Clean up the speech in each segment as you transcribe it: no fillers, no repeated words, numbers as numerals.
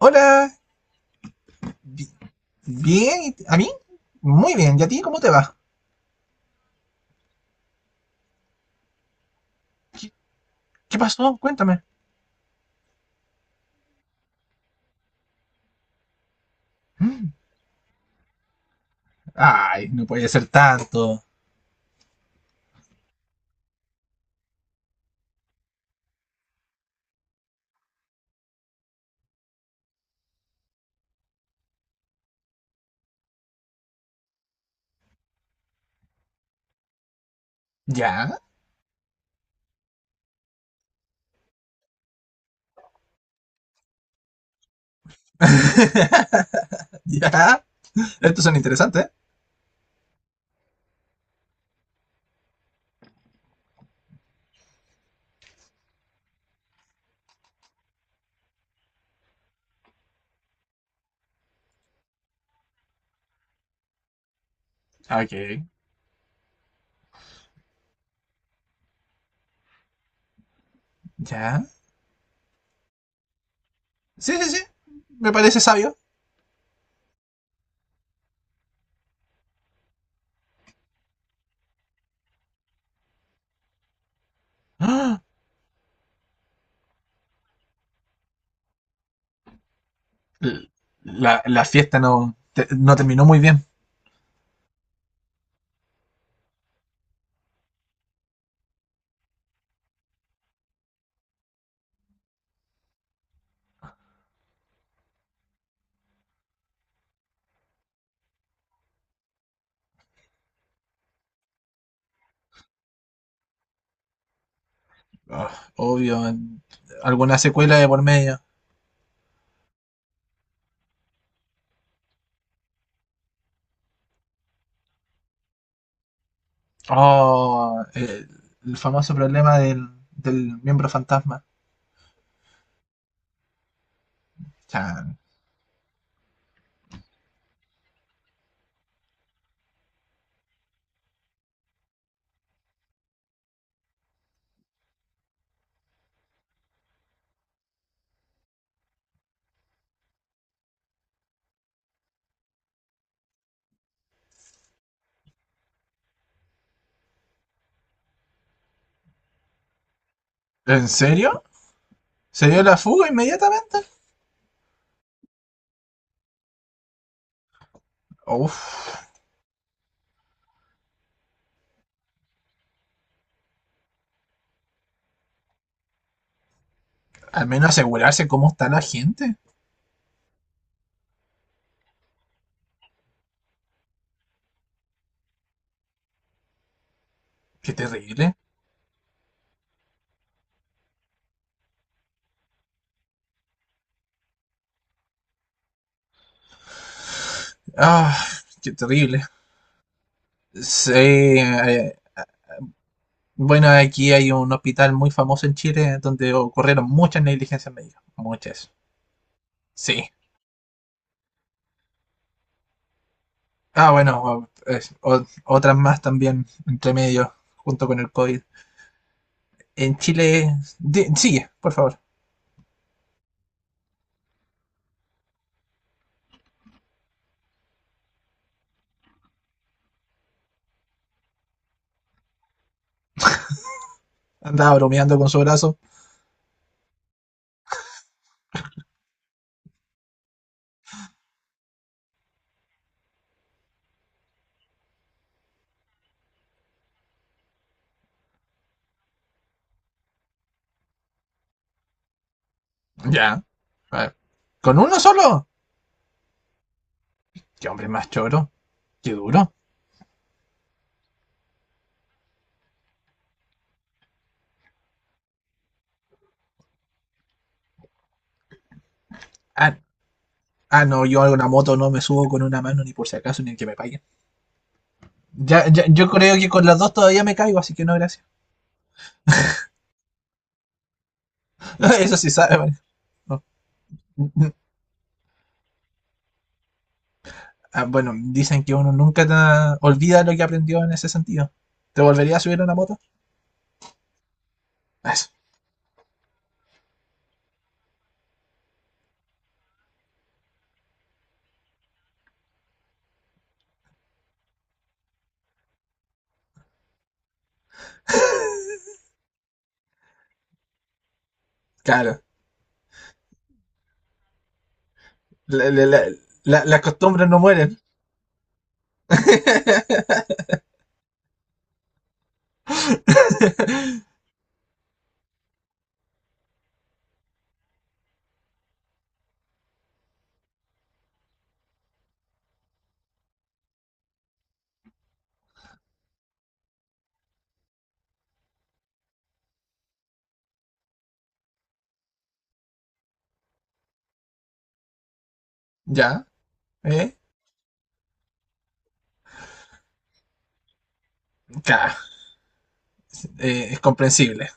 Hola, bi- bien, ¿y ¿a mí? Muy bien, ¿y a ti cómo te va? ¿Qué, qué pasó? Cuéntame. Mm. Ay, no puede ser tanto. ¿Ya? ¿Ya? Estos son interesantes. Ok. ¿Ya? Sí, sí, sí, me parece sabio. Ah, l- la fiesta no, no terminó muy bien. Ah, obvio, alguna secuela de por medio. Oh, el famoso problema del miembro fantasma. Ya. ¿En serio? ¿Se dio la fuga inmediatamente? Uf, al menos asegurarse cómo está la gente. Qué terrible. Ah, qué terrible. Sí, bueno, aquí hay un hospital muy famoso en Chile donde ocurrieron muchas negligencias médicas. Muchas. Sí. Ah, bueno, o- es- o- otras más también entre medio, junto con el COVID. En Chile. Sigue, por favor. Andaba bromeando con su brazo. Ya. A ver. ¿Con uno solo? Qué hombre más choro. Qué duro. Ah, ah, no, yo a una moto no me subo con una mano ni por si acaso, ni que me paguen. Ya, yo creo que con las dos todavía me caigo, así que no, gracias. Eso sí sabe, man. No. Ah, bueno, dicen que uno nunca olvida lo que aprendió en ese sentido. ¿Te volverías a subir a una moto? Eso, claro. La- la- la- las costumbres no mueren. Ya, ¿eh? Claro, es comprensible.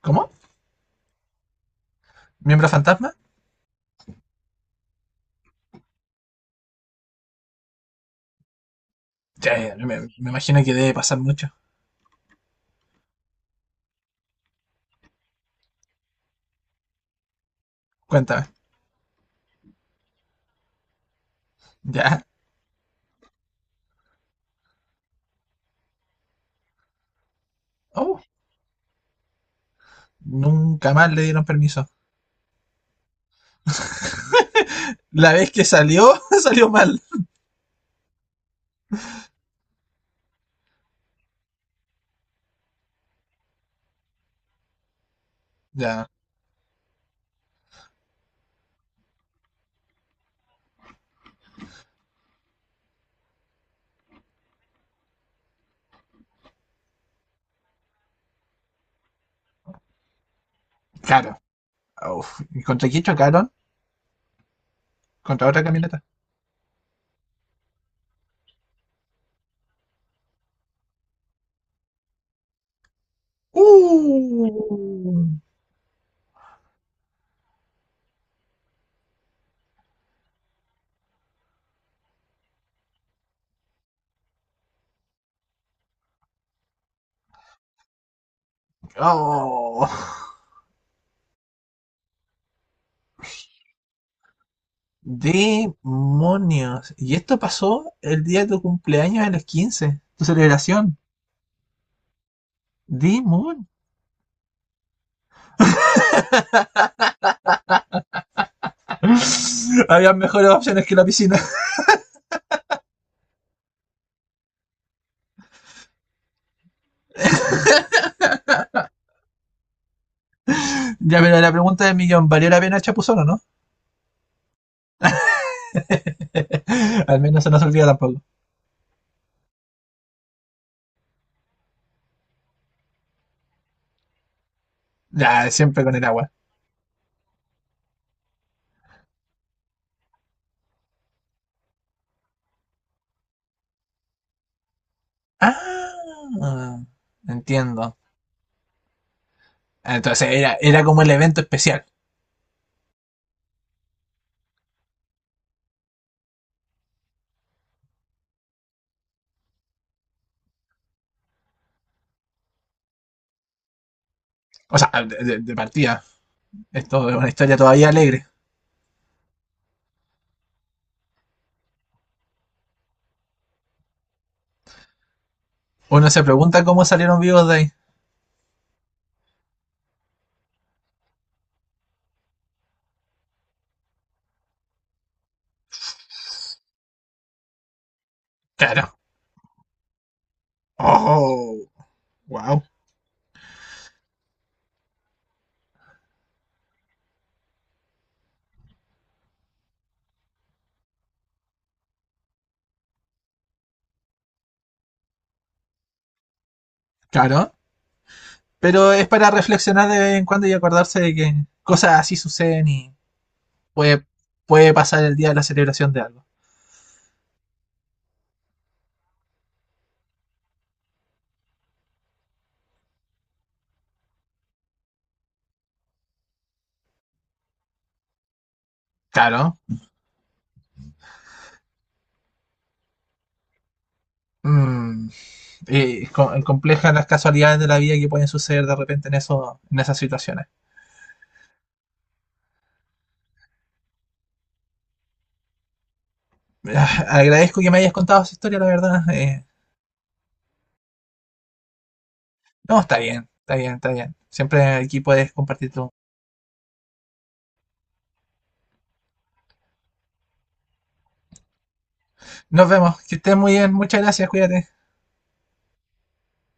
¿Cómo? ¿Miembro fantasma? Ya, ya, me imagino que debe pasar mucho. Cuéntame. Ya. Oh, nunca más le dieron permiso. La vez que salió, salió mal. Ya, caro. Uf, ¿y contra quién chocaron? Contra otra camioneta. ¡Uh! ¡Oh! ¡Demonios! Y esto pasó el día de tu cumpleaños a los 15, tu celebración. ¡Demon! Había mejores opciones que la piscina. Ya, pero la pregunta del millón, ¿valió la pena Chapuzón o no? Al menos se nos olvida tampoco. Ya, siempre con el agua. ¡Ah! Entiendo. Entonces era como el evento especial. O sea, de partida. Esto es una historia todavía alegre. Uno se pregunta cómo salieron vivos de ahí. Claro. Oh, wow. Claro. Pero es para reflexionar de vez en cuando y acordarse de que cosas así suceden y puede, puede pasar el día de la celebración de algo. Claro. Mm, y complejas las casualidades de la vida que pueden suceder de repente en, eso, en esas situaciones. Ah, agradezco que me hayas contado esa historia, la verdad. No, está bien, está bien, está bien. Siempre aquí puedes compartir todo. Nos vemos, que estés muy bien. Muchas gracias, cuídate.